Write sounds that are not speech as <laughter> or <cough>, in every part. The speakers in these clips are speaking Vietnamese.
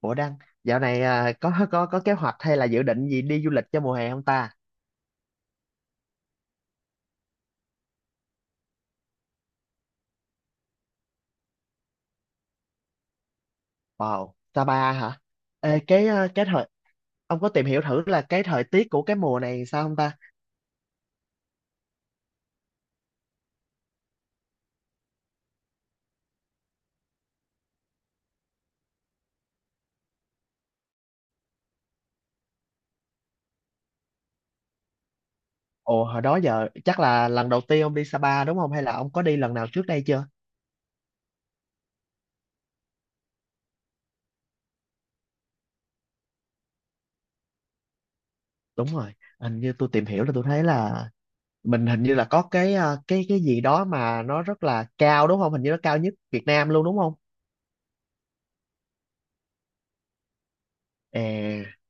Ủa Đăng, dạo này có kế hoạch hay là dự định gì đi du lịch cho mùa hè không ta? Wow, Sapa hả? Ê, cái à, cái thời ông có tìm hiểu thử là cái thời tiết của cái mùa này sao không ta? Ồ, hồi đó giờ chắc là lần đầu tiên ông đi Sapa đúng không? Hay là ông có đi lần nào trước đây chưa? Đúng rồi, hình như tôi tìm hiểu là tôi thấy là mình hình như là có cái à, cái cái gì đó mà nó rất là cao đúng không? Hình như nó cao nhất Việt Nam luôn đúng không? Ê,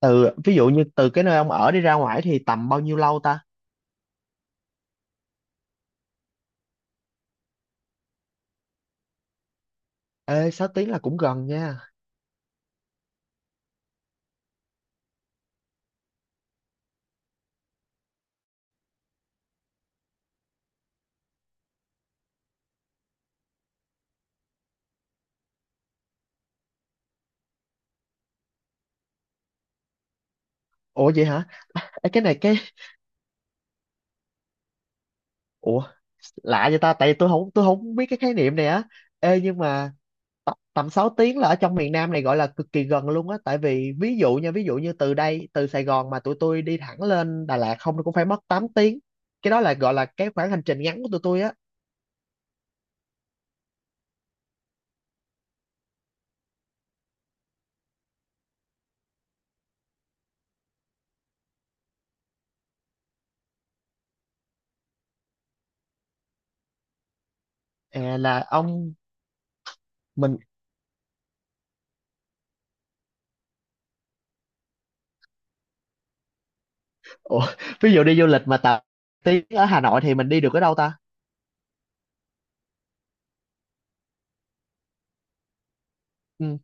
từ ví dụ như từ cái nơi ông ở đi ra ngoài thì tầm bao nhiêu lâu ta? Ê, 6 tiếng là cũng gần nha. Ủa vậy hả? Ê, cái này cái... Ủa, lạ vậy ta? Tại vì tôi không biết cái khái niệm này á. Ê, nhưng mà tầm 6 tiếng là ở trong miền Nam này gọi là cực kỳ gần luôn á. Tại vì ví dụ nha, ví dụ như từ đây, từ Sài Gòn mà tụi tôi đi thẳng lên Đà Lạt không nó cũng phải mất 8 tiếng. Cái đó là gọi là cái khoảng hành trình ngắn của tụi tôi á. À, là ông mình... Ủa, <laughs> ví dụ đi du lịch mà 8 tiếng ở Hà Nội thì mình đi được ở đâu ta? Ừ.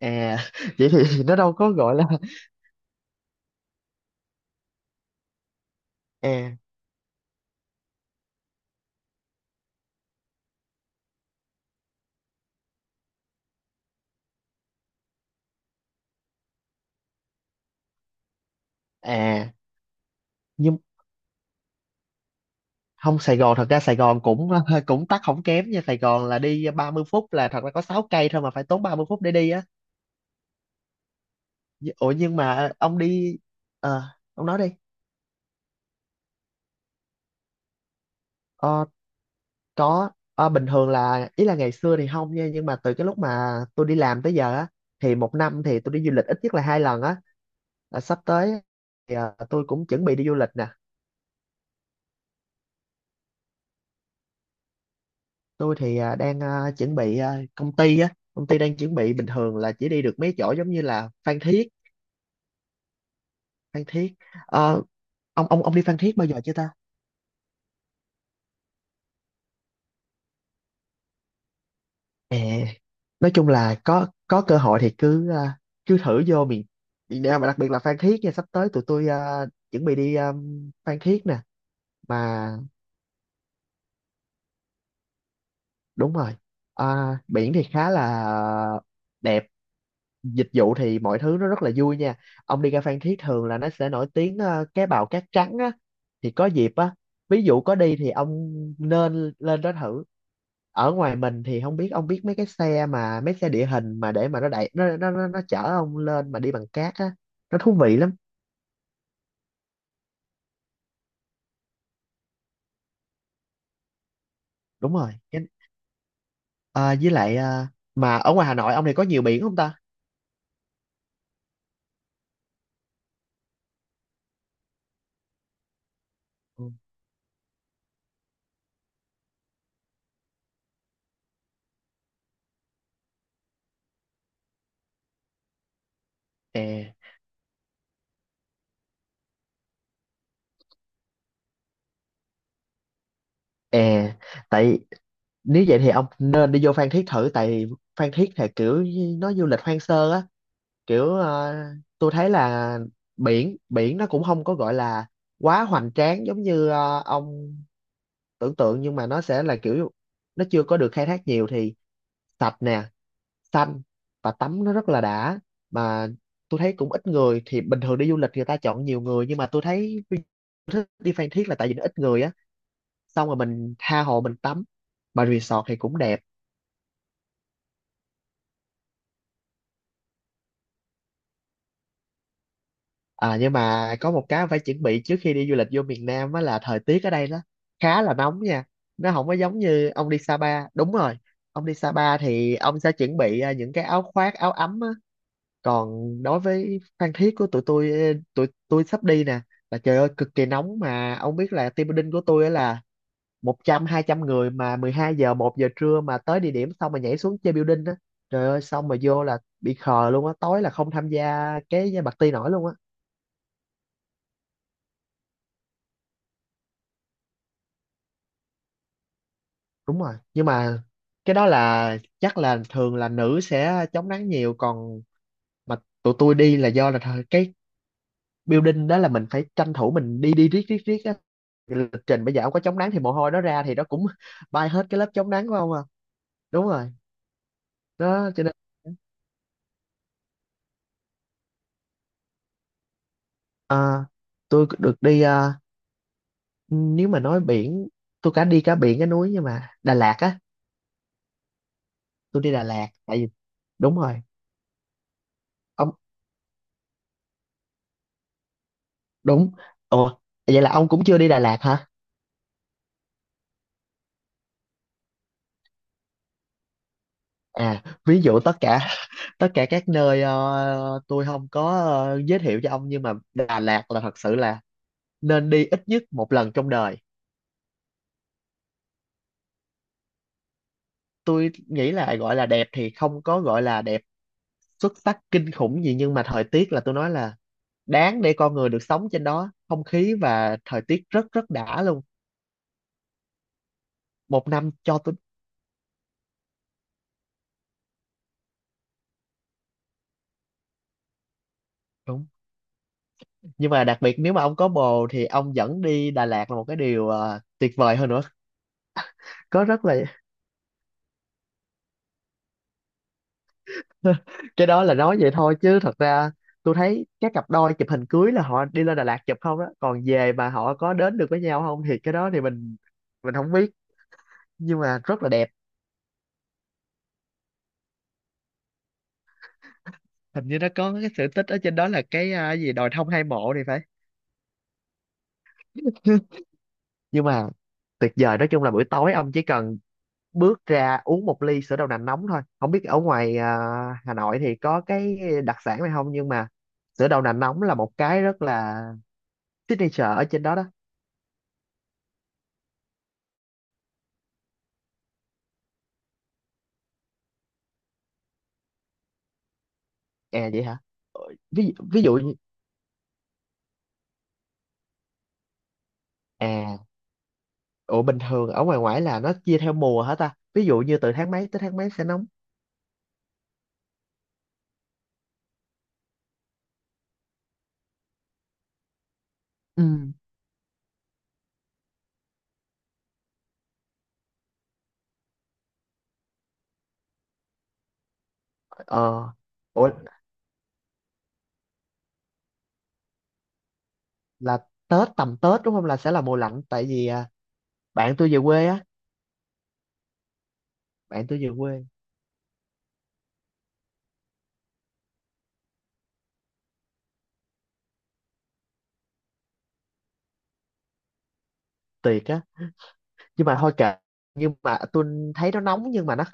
À, <laughs> vậy thì nó đâu có gọi là. À, à. Nhưng không, Sài Gòn, thật ra Sài Gòn cũng <laughs> cũng tắc không kém nha. Sài Gòn là đi 30 phút là thật ra có 6 cây thôi mà phải tốn 30 phút để đi á. Ủa nhưng mà ông đi, ờ ông nói đi. ờ có. Ờ, Bình thường là ý là ngày xưa thì không nha, nhưng mà từ cái lúc mà tôi đi làm tới giờ á thì một năm thì tôi đi du lịch ít nhất là hai lần á. Là sắp tới thì tôi cũng chuẩn bị đi du lịch nè. Tôi thì đang chuẩn bị, công ty á, công ty đang chuẩn bị, bình thường là chỉ đi được mấy chỗ giống như là Phan Thiết. Phan Thiết, Ờ, ông đi Phan Thiết bao giờ chưa ta? Ờ, nói chung là có cơ hội thì cứ thử vô miền miền Nam, mà đặc biệt là Phan Thiết nha. Sắp tới tụi tôi chuẩn bị đi, Phan Thiết nè. Mà đúng rồi. À, biển thì khá là đẹp, dịch vụ thì mọi thứ nó rất là vui nha. Ông đi ra Phan Thiết thường là nó sẽ nổi tiếng cá bào cát trắng á. Thì có dịp á, ví dụ có đi thì ông nên lên đó thử. Ở ngoài mình thì không biết ông biết mấy cái xe mà mấy xe địa hình mà để mà nó đẩy, nó chở ông lên mà đi bằng cát á, nó thú vị lắm. Đúng rồi. Với lại mà ở ngoài Hà Nội ông này có nhiều biển không ta? Ừ. À, à, tại nếu vậy thì ông nên đi vô Phan Thiết thử, tại Phan Thiết thì kiểu như nó du lịch hoang sơ á. Kiểu tôi thấy là biển biển nó cũng không có gọi là quá hoành tráng giống như ông tưởng tượng, nhưng mà nó sẽ là kiểu nó chưa có được khai thác nhiều thì sạch nè, xanh, và tắm nó rất là đã. Mà tôi thấy cũng ít người, thì bình thường đi du lịch người ta chọn nhiều người nhưng mà tôi thấy đi Phan Thiết là tại vì nó ít người á, xong rồi mình tha hồ mình tắm, mà resort thì cũng đẹp. À, nhưng mà có một cái phải chuẩn bị trước khi đi du lịch vô miền Nam á là thời tiết ở đây nó khá là nóng nha. Nó không có giống như ông đi Sapa. Đúng rồi. Ông đi Sapa thì ông sẽ chuẩn bị những cái áo khoác, áo ấm á. Còn đối với Phan Thiết của tụi tôi, tụi tôi sắp đi nè, là trời ơi cực kỳ nóng. Mà ông biết là team building của tôi á, là 100 200 người mà 12 giờ, 1 giờ trưa mà tới địa điểm xong mà nhảy xuống chơi building á. Trời ơi xong mà vô là bị khờ luôn á, tối là không tham gia cái party nổi luôn á. Đúng rồi, nhưng mà cái đó là chắc là thường là nữ sẽ chống nắng nhiều, còn mà tụi tôi đi là do là cái building đó là mình phải tranh thủ mình đi, đi riết riết riết á. Cái lịch trình bây giờ không có chống nắng thì mồ hôi nó ra thì nó cũng <laughs> bay hết cái lớp chống nắng của ông à. Đúng rồi, đó cho nên à, tôi được đi, nếu mà nói biển, tôi cả đi cả biển cả núi, nhưng mà Đà Lạt á, tôi đi Đà Lạt tại vì đúng rồi. Ông. Đúng. Ủa, vậy là ông cũng chưa đi Đà Lạt hả? À, ví dụ tất cả <laughs> tất cả các nơi, tôi không có giới thiệu cho ông, nhưng mà Đà Lạt là thật sự là nên đi ít nhất một lần trong đời. Tôi nghĩ là gọi là đẹp thì không có gọi là đẹp xuất sắc kinh khủng gì, nhưng mà thời tiết là tôi nói là đáng để con người được sống trên đó, không khí và thời tiết rất rất đã luôn. Một năm cho tôi. Đúng. Nhưng mà đặc biệt nếu mà ông có bồ thì ông dẫn đi Đà Lạt là một cái điều tuyệt vời hơn nữa. Có rất là, <laughs> cái đó là nói vậy thôi chứ thật ra tôi thấy các cặp đôi chụp hình cưới là họ đi lên Đà Lạt chụp không đó, còn về mà họ có đến được với nhau không thì cái đó thì mình không biết, nhưng mà rất là đẹp. Hình như nó có cái sự tích ở trên đó là gì đồi thông hai mộ thì phải. Nhưng mà tuyệt vời, nói chung là buổi tối ông chỉ cần bước ra uống một ly sữa đậu nành nóng thôi. Không biết ở ngoài Hà Nội thì có cái đặc sản này không, nhưng mà sữa đậu nành nóng là một cái rất là signature ở trên đó đó. À vậy hả? Ví dụ. À, ủa bình thường ở ngoài ngoại là nó chia theo mùa hả ta? Ví dụ như từ tháng mấy tới tháng mấy sẽ nóng. Ừ. Ờ, ủa là Tết, tầm Tết đúng không là sẽ là mùa lạnh, tại vì bạn tôi về quê á, bạn tôi về quê. Tuyệt á. Nhưng mà thôi kệ, nhưng mà tôi thấy nó nóng nhưng mà nó,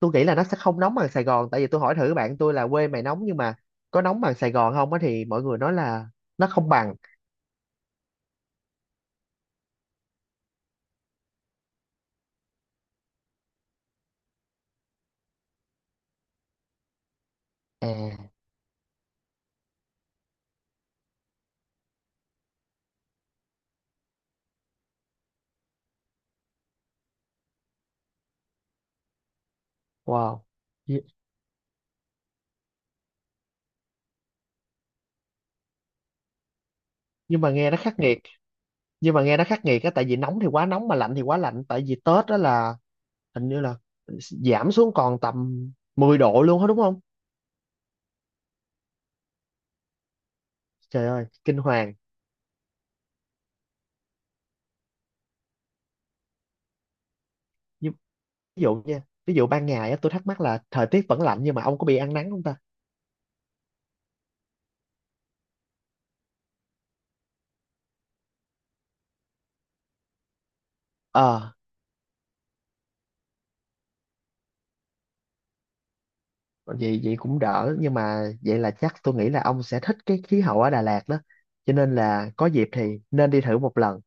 tôi nghĩ là nó sẽ không nóng bằng Sài Gòn, tại vì tôi hỏi thử bạn tôi là quê mày nóng nhưng mà có nóng bằng Sài Gòn không á, thì mọi người nói là nó không bằng. À, wow. Nh- Nhưng mà nghe nó khắc nghiệt. Nhưng mà nghe nó khắc nghiệt á, tại vì nóng thì quá nóng mà lạnh thì quá lạnh, tại vì Tết đó là hình như là giảm xuống còn tầm 10 độ luôn á đúng không? Trời ơi kinh hoàng. Nhưng ví dụ nha, ví dụ ban ngày á, tôi thắc mắc là thời tiết vẫn lạnh nhưng mà ông có bị ăn nắng không ta? ờ Vậy, vậy cũng đỡ, nhưng mà vậy là chắc tôi nghĩ là ông sẽ thích cái khí hậu ở Đà Lạt đó, cho nên là có dịp thì nên đi thử một lần.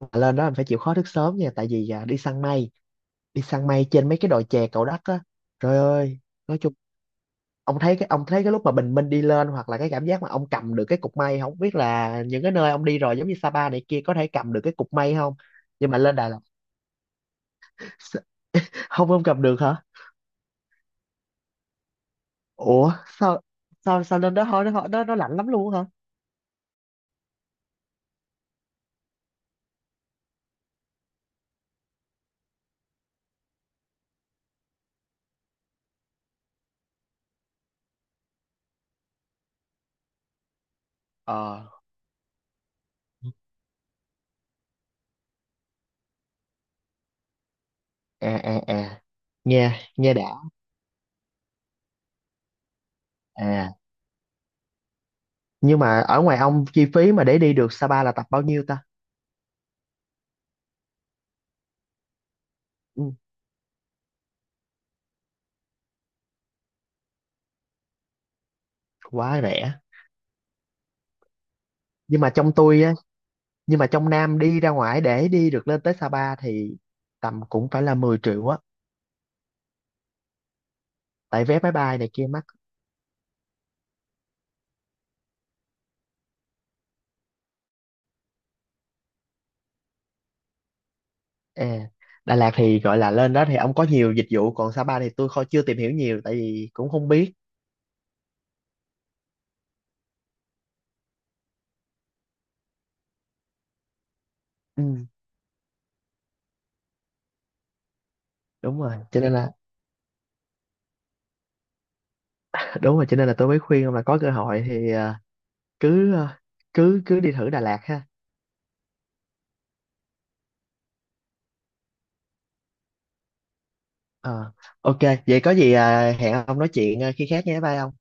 Mà lên đó mình phải chịu khó thức sớm nha, tại vì đi săn mây, đi săn mây trên mấy cái đồi chè Cầu Đất á, trời ơi. Nói chung ông thấy cái lúc mà bình minh đi lên, hoặc là cái cảm giác mà ông cầm được cái cục mây. Không biết là những cái nơi ông đi rồi giống như Sapa này kia có thể cầm được cái cục mây không? Nhưng mà lên Đà Lạt, s- không, không cầm được hả? Ủa, sao sao sao lên đó thôi nó lạnh lắm luôn hả? Ờ, à à à, nghe nghe đã à. Nhưng mà ở ngoài ông, chi phí mà để đi được Sapa là tập bao nhiêu ta? Ừ, quá rẻ. Nhưng mà trong tôi á, nhưng mà trong Nam đi ra ngoài để đi được lên tới Sapa thì tầm cũng phải là 10 triệu á, tại vé máy bay này kia mắc. À, Đà Lạt thì gọi là lên đó thì ông có nhiều dịch vụ, còn Sa Pa thì tôi không, chưa tìm hiểu nhiều tại vì cũng không biết. Ừ, đúng rồi cho nên là <laughs> đúng rồi cho nên là tôi mới khuyên ông là có cơ hội thì à, cứ cứ đi thử Đà Lạt ha. Ờ, ok, vậy có gì hẹn ông nói chuyện khi khác nhé. Bye ông.